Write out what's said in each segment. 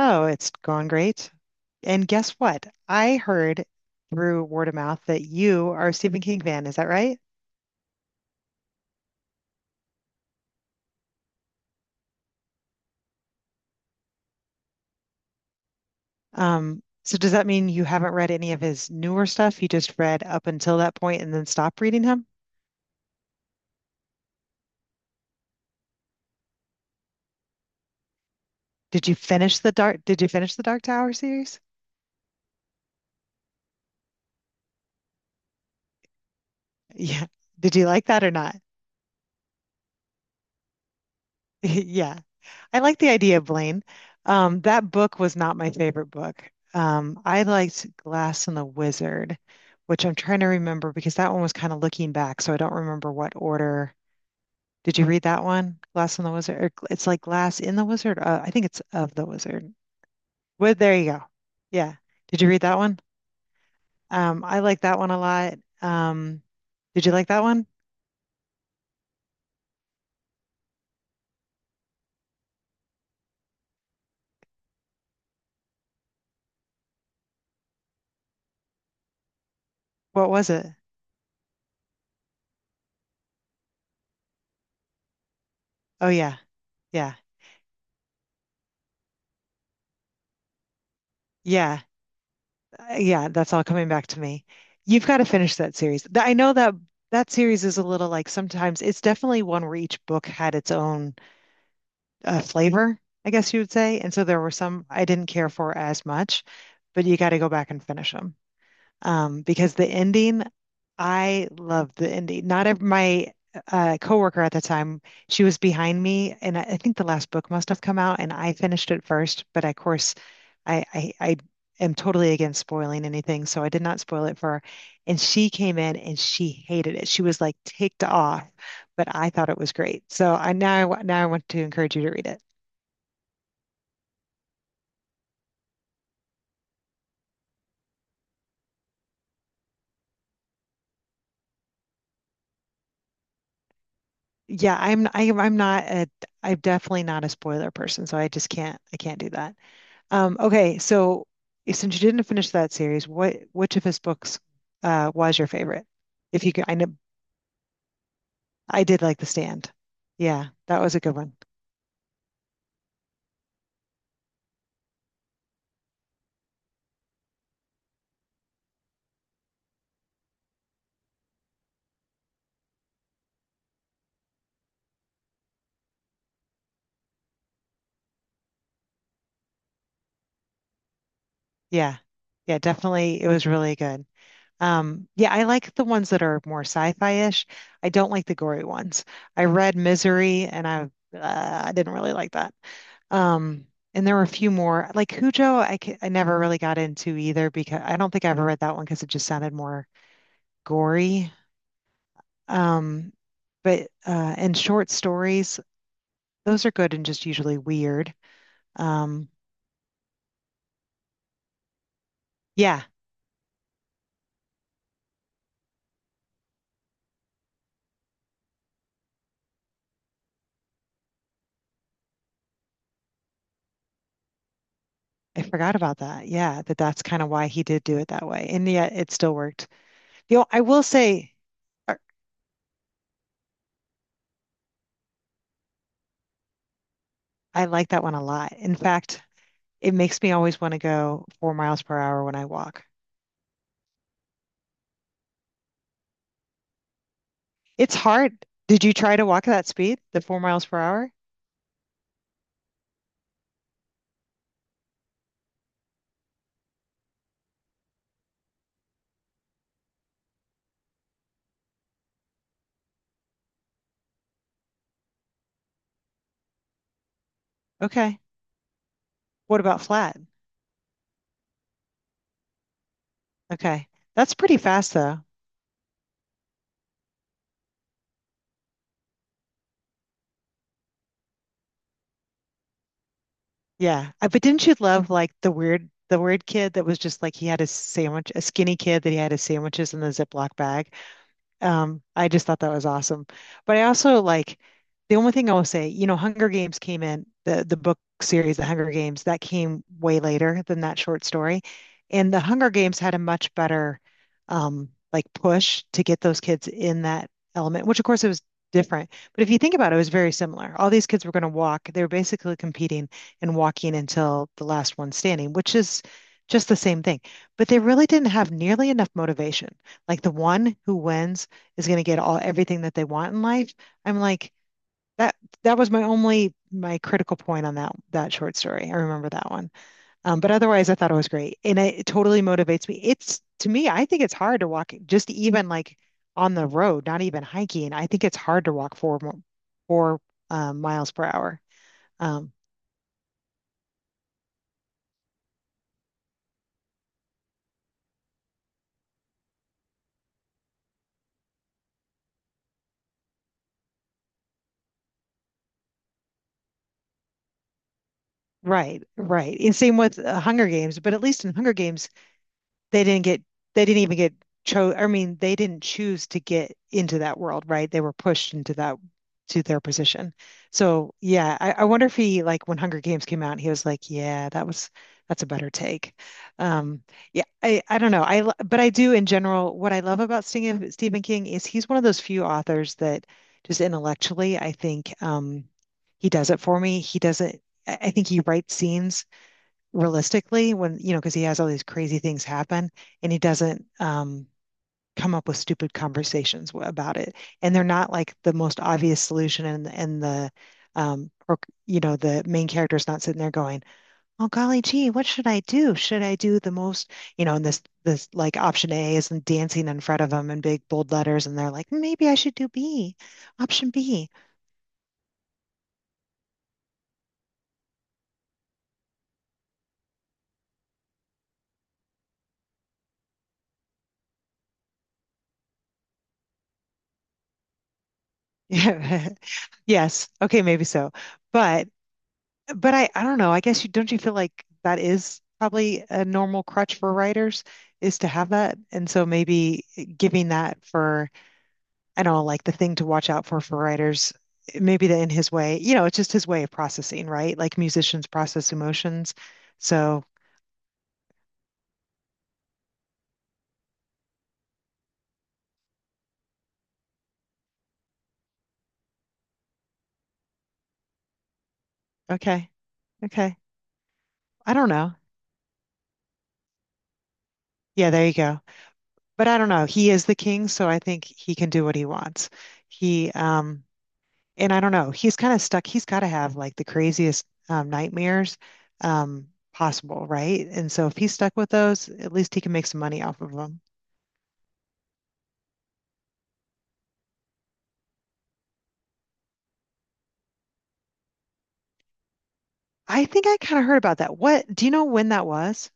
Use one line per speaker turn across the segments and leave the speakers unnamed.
Oh, it's gone great. And guess what? I heard through word of mouth that you are a Stephen King fan. Is that right? So does that mean you haven't read any of his newer stuff? You just read up until that point and then stopped reading him? Did you finish did you finish the Dark Tower series? Yeah. Did you like that or not? Yeah. I like the idea, Blaine. That book was not my favorite book. I liked Glass and the Wizard, which I'm trying to remember because that one was kind of looking back, so I don't remember what order. Did you read that one? Glass and the Wizard, or it's like Glass in the Wizard. I think it's of the Wizard. Well, there you go. Yeah. Did you read that one? I like that one a lot. Um, did you like that one? What was it? Oh yeah, yeah, yeah. Yeah, that's all coming back to me. You've got to finish that series. I know that that series is a little like sometimes it's definitely one where each book had its own flavor, I guess you would say. And so there were some I didn't care for as much, but you got to go back and finish them. Because the ending I love the indie. Not ev my coworker at the time, she was behind me, and I think the last book must have come out, and I finished it first. But of course, I am totally against spoiling anything, so I did not spoil it for her. And she came in and she hated it. She was like ticked off, but I thought it was great. So I now I wa- now I want to encourage you to read it. I'm not a I'm definitely not a spoiler person, so I just can't I can't do that. Okay, so since you didn't finish that series, what which of his books was your favorite? If you could, I know I did like The Stand. Yeah, that was a good one. Yeah, yeah, definitely, it was really good. Yeah, I like the ones that are more sci-fi-ish. I don't like the gory ones. I read Misery, and I didn't really like that. Um, and there were a few more like Cujo. I never really got into either because I don't think I ever read that one because it just sounded more gory. Um, but and short stories, those are good and just usually weird. Um, yeah, I forgot about that. Yeah, that that's kind of why he did do it that way, and yet it still worked. You know, I will say uh, I like that one a lot. In fact, it makes me always want to go 4 miles per hour when I walk. It's hard. Did you try to walk at that speed, the 4 miles per hour? Okay. What about flat? Okay. That's pretty fast though. Yeah. But didn't you love like the weird kid that was just like he had a sandwich, a skinny kid that he had his sandwiches in the Ziploc bag I just thought that was awesome. But I also like the only thing I will say, you know, Hunger Games came in the book series, The Hunger Games, that came way later than that short story. And The Hunger Games had a much better like push to get those kids in that element, which of course it was different. But if you think about it, it was very similar. All these kids were going to walk. They were basically competing and walking until the last one standing, which is just the same thing. But they really didn't have nearly enough motivation. Like the one who wins is going to get all everything that they want in life. I'm like that. That was my only my critical point on that short story. I remember that one, but otherwise, I thought it was great, and it totally motivates me. It's to me, I think it's hard to walk just even like on the road, not even hiking. I think it's hard to walk four miles per hour. Um, right, right. And same with Hunger Games, but at least in Hunger Games they didn't get they didn't even get chose I mean they didn't choose to get into that world, right? They were pushed into that to their position. So yeah, I wonder if he like when Hunger Games came out, he was like, yeah, that's a better take. Um, yeah, I don't know. But I do in general. What I love about Stephen King is he's one of those few authors that just intellectually, I think he does it for me. He doesn't. I think he writes scenes realistically when you know because he has all these crazy things happen and he doesn't come up with stupid conversations about it and they're not like the most obvious solution and the um, you know the main character is not sitting there going oh golly gee what should I do the most you know and this like option A is dancing in front of them in big bold letters and they're like maybe I should do B option B yes okay maybe so but But I don't know. I guess you don't you feel like that is probably a normal crutch for writers is to have that. And so maybe giving that for, I don't know, like the thing to watch out for writers, maybe the in his way, you know, it's just his way of processing, right? Like musicians process emotions. So, okay, okay. I don't know. Yeah, there you go. But I don't know. He is the king, so I think he can do what he wants. He and I don't know, he's kind of stuck. He's got to have like the craziest nightmares possible, right? And so if he's stuck with those, at least he can make some money off of them. I think I kind of heard about that. What do you know when that was?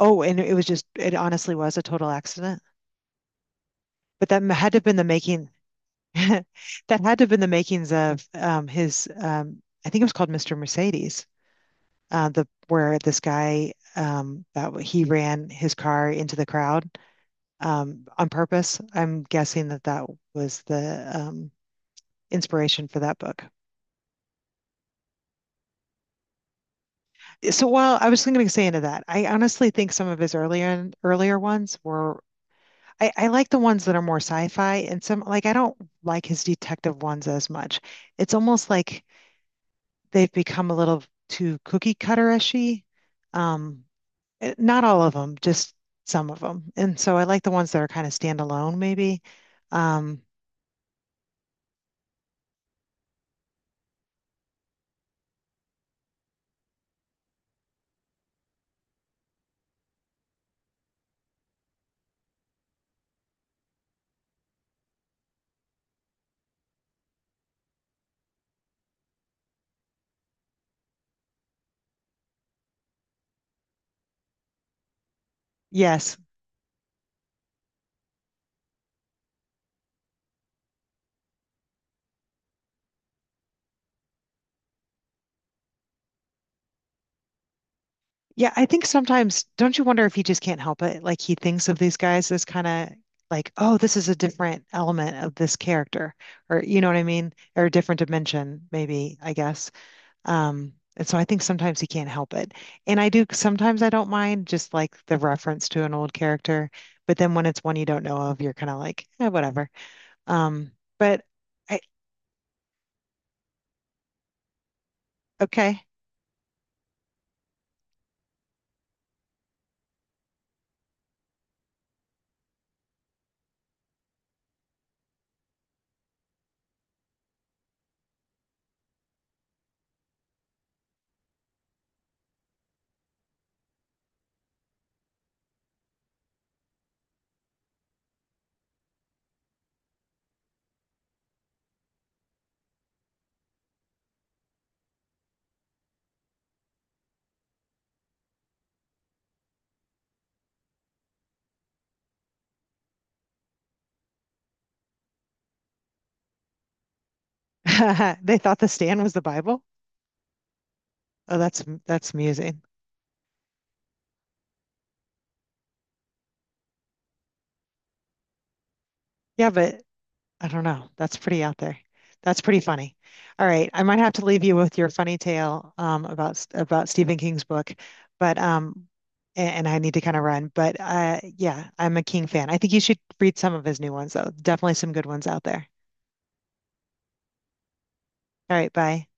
Oh, and it was just, it honestly was a total accident. But had to have been the making, that had to have been the makings of I think it was called Mr. Mercedes, the where this guy he ran his car into the crowd on purpose. I'm guessing that that was the inspiration for that book. So while I was going to say into that, I honestly think some of his earlier ones were. I like the ones that are more sci-fi and some like I don't like his detective ones as much. It's almost like they've become a little too cookie cutter-ishy. Um, not all of them, just some of them. And so I like the ones that are kind of standalone, maybe. Um, yes, Yeah, I think sometimes, don't you wonder if he just can't help it? Like he thinks of these guys as kind of like, oh, this is a different element of this character, or you know what I mean? Or a different dimension, maybe, I guess. And so I think sometimes he can't help it. And I do, sometimes I don't mind just like the reference to an old character, but then when it's one you don't know of, you're kind of like, eh, whatever. Um, but I, okay. They thought the stand was the Bible. Oh, that's amusing. Yeah, but I don't know. That's pretty out there. That's pretty funny. All right, I might have to leave you with your funny tale about Stephen King's book, but um, and, I need to kind of run. But yeah, I'm a King fan. I think you should read some of his new ones though. Definitely some good ones out there. All right, bye.